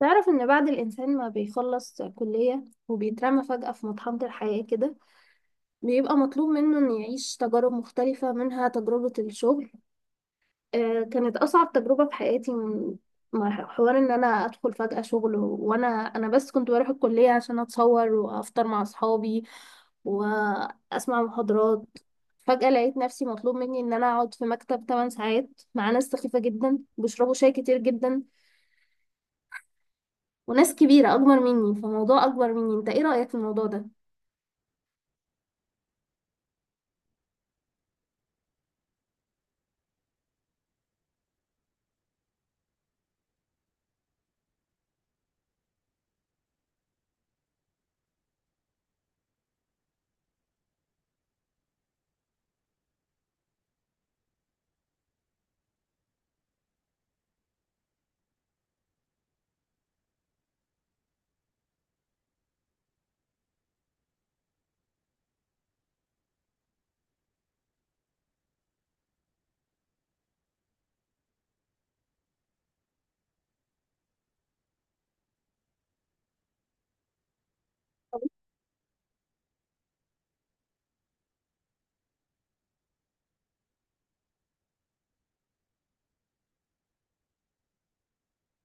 تعرف إن بعد الإنسان ما بيخلص كلية وبيترمى فجأة في مطحنة الحياة كده، بيبقى مطلوب منه إنه يعيش تجارب مختلفة منها تجربة الشغل. آه، كانت أصعب تجربة في حياتي. من مع حوار إن أنا أدخل فجأة شغل، وأنا بس كنت بروح الكلية عشان أتصور وأفطر مع أصحابي وأسمع محاضرات. فجأة لقيت نفسي مطلوب مني إن أنا أقعد في مكتب 8 ساعات مع ناس سخيفة جدا بيشربوا شاي كتير جدا، وناس كبيرة أكبر مني، فموضوع أكبر مني. أنت إيه رأيك في الموضوع ده؟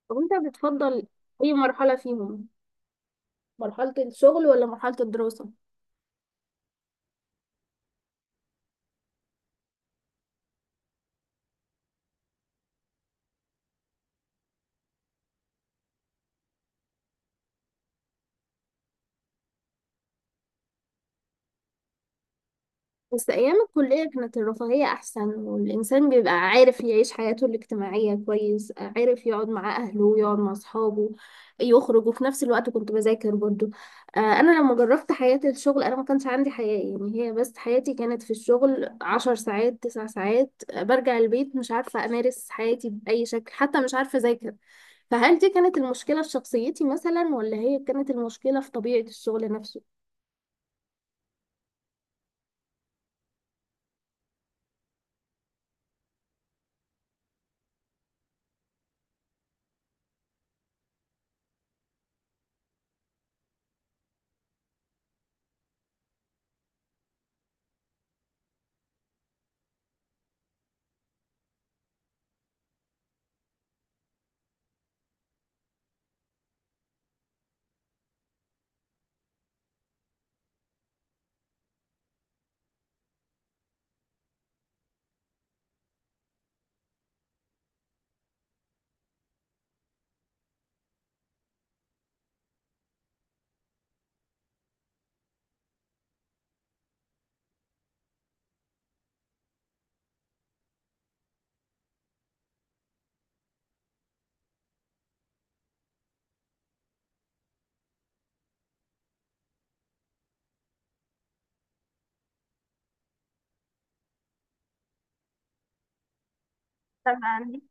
طب أنت بتفضل أي مرحلة فيهم؟ مرحلة الشغل ولا مرحلة الدراسة؟ بس أيام الكلية كانت الرفاهية أحسن، والإنسان بيبقى عارف يعيش حياته الاجتماعية كويس، عارف يقعد مع أهله ويقعد مع أصحابه، يخرج، وفي نفس الوقت كنت بذاكر برضه. أنا لما جربت حياة الشغل أنا ما كانش عندي حياة، يعني هي بس حياتي كانت في الشغل 10 ساعات 9 ساعات. برجع البيت مش عارفة أمارس حياتي بأي شكل، حتى مش عارفة أذاكر. فهل دي كانت المشكلة في شخصيتي مثلا، ولا هي كانت المشكلة في طبيعة الشغل نفسه؟ فما عندي،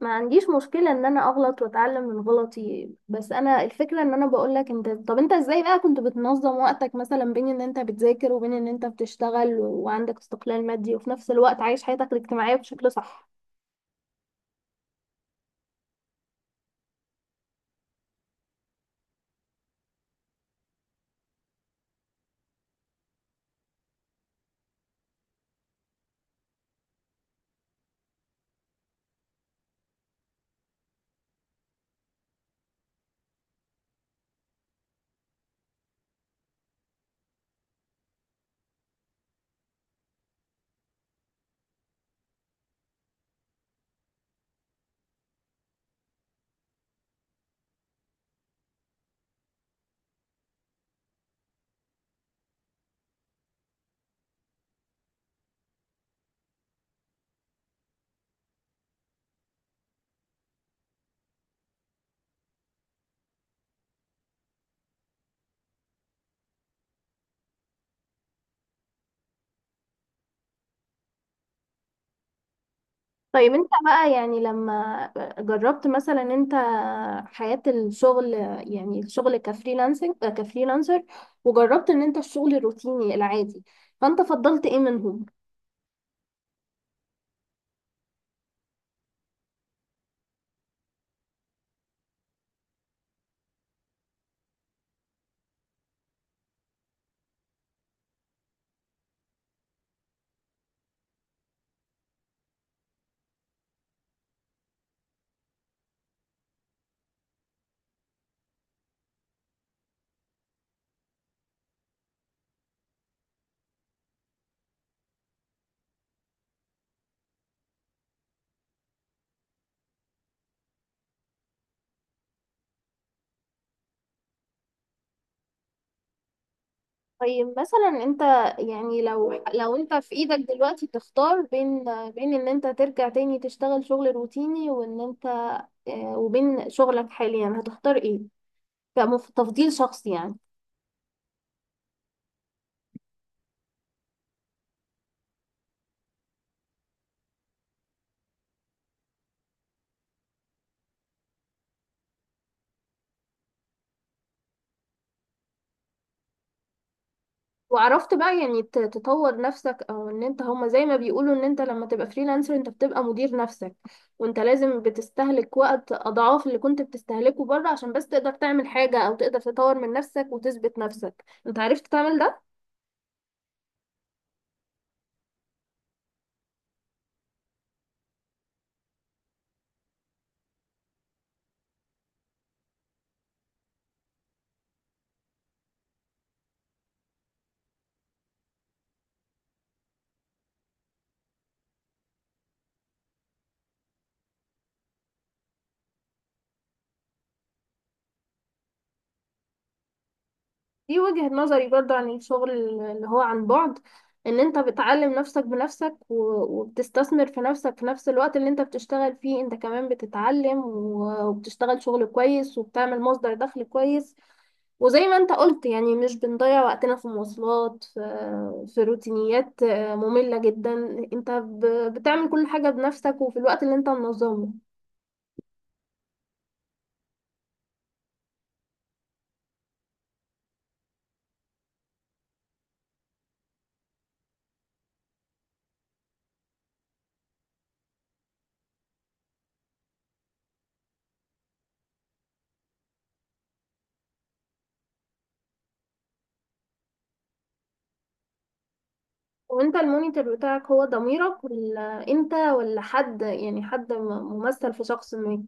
ما عنديش مشكلة ان انا اغلط واتعلم من غلطي، بس انا الفكرة ان انا بقولك انت، طب انت ازاي بقى كنت بتنظم وقتك مثلا بين ان انت بتذاكر وبين ان انت بتشتغل وعندك استقلال مادي وفي نفس الوقت عايش حياتك الاجتماعية بشكل صح؟ طيب انت بقى يعني لما جربت مثلا انت حياة الشغل، يعني الشغل كفريلانسنج، كفريلانسر، وجربت ان انت الشغل الروتيني العادي، فانت فضلت ايه منهم؟ طيب مثلا انت، يعني لو لو انت في ايدك دلوقتي تختار بين، بين ان انت ترجع تاني تشتغل شغل روتيني وان انت، اه، وبين شغلك حاليا، هتختار ايه؟ كتفضيل شخصي يعني. وعرفت بقى يعني تطور نفسك، او ان انت هما زي ما بيقولوا ان انت لما تبقى فريلانسر انت بتبقى مدير نفسك، وانت لازم بتستهلك وقت اضعاف اللي كنت بتستهلكه بره عشان بس تقدر تعمل حاجة او تقدر تطور من نفسك وتثبت نفسك، انت عرفت تعمل ده؟ دي وجهة نظري برضو عن الشغل اللي هو عن بعد، ان انت بتعلم نفسك بنفسك وبتستثمر في نفسك، في نفس الوقت اللي انت بتشتغل فيه انت كمان بتتعلم وبتشتغل شغل كويس وبتعمل مصدر دخل كويس. وزي ما انت قلت، يعني مش بنضيع وقتنا في مواصلات، في روتينيات مملة جدا. انت بتعمل كل حاجة بنفسك وفي الوقت اللي انت منظمه. وانت المونيتور بتاعك هو ضميرك، ولا انت، ولا حد يعني، حد ممثل في شخص ما؟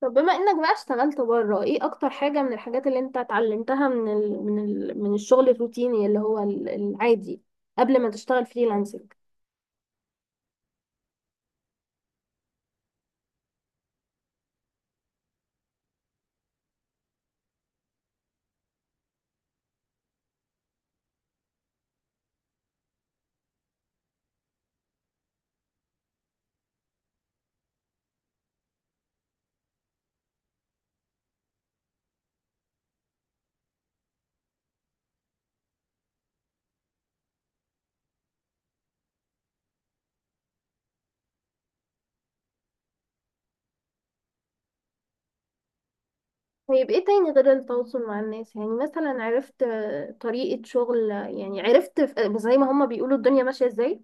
طب بما انك بقى اشتغلت بره، ايه اكتر حاجة من الحاجات اللي انت اتعلمتها من من الشغل الروتيني اللي هو العادي، قبل ما تشتغل فريلانسنج؟ طيب ايه تاني غير التواصل مع الناس؟ يعني مثلا عرفت طريقة شغل، يعني عرفت زي ما هما بيقولوا الدنيا ماشية ازاي.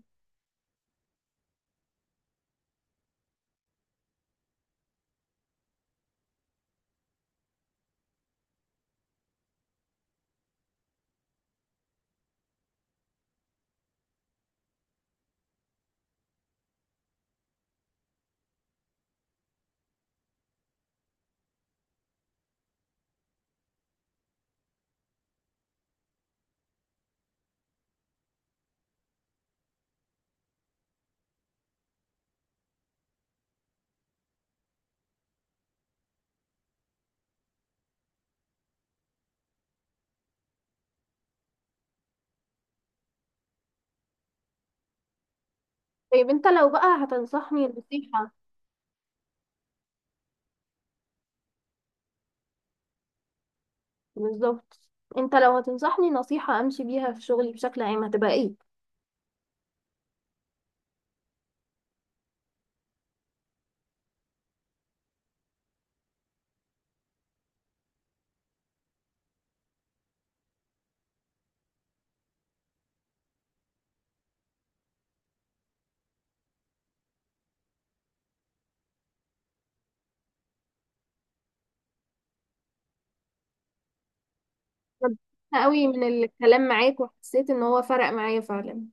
طيب انت لو بقى هتنصحني نصيحة، بالظبط، انت لو هتنصحني نصيحة امشي بيها في شغلي بشكل عام هتبقى ايه؟ أنا قوي من الكلام معاك وحسيت ان هو فرق معايا فعلا.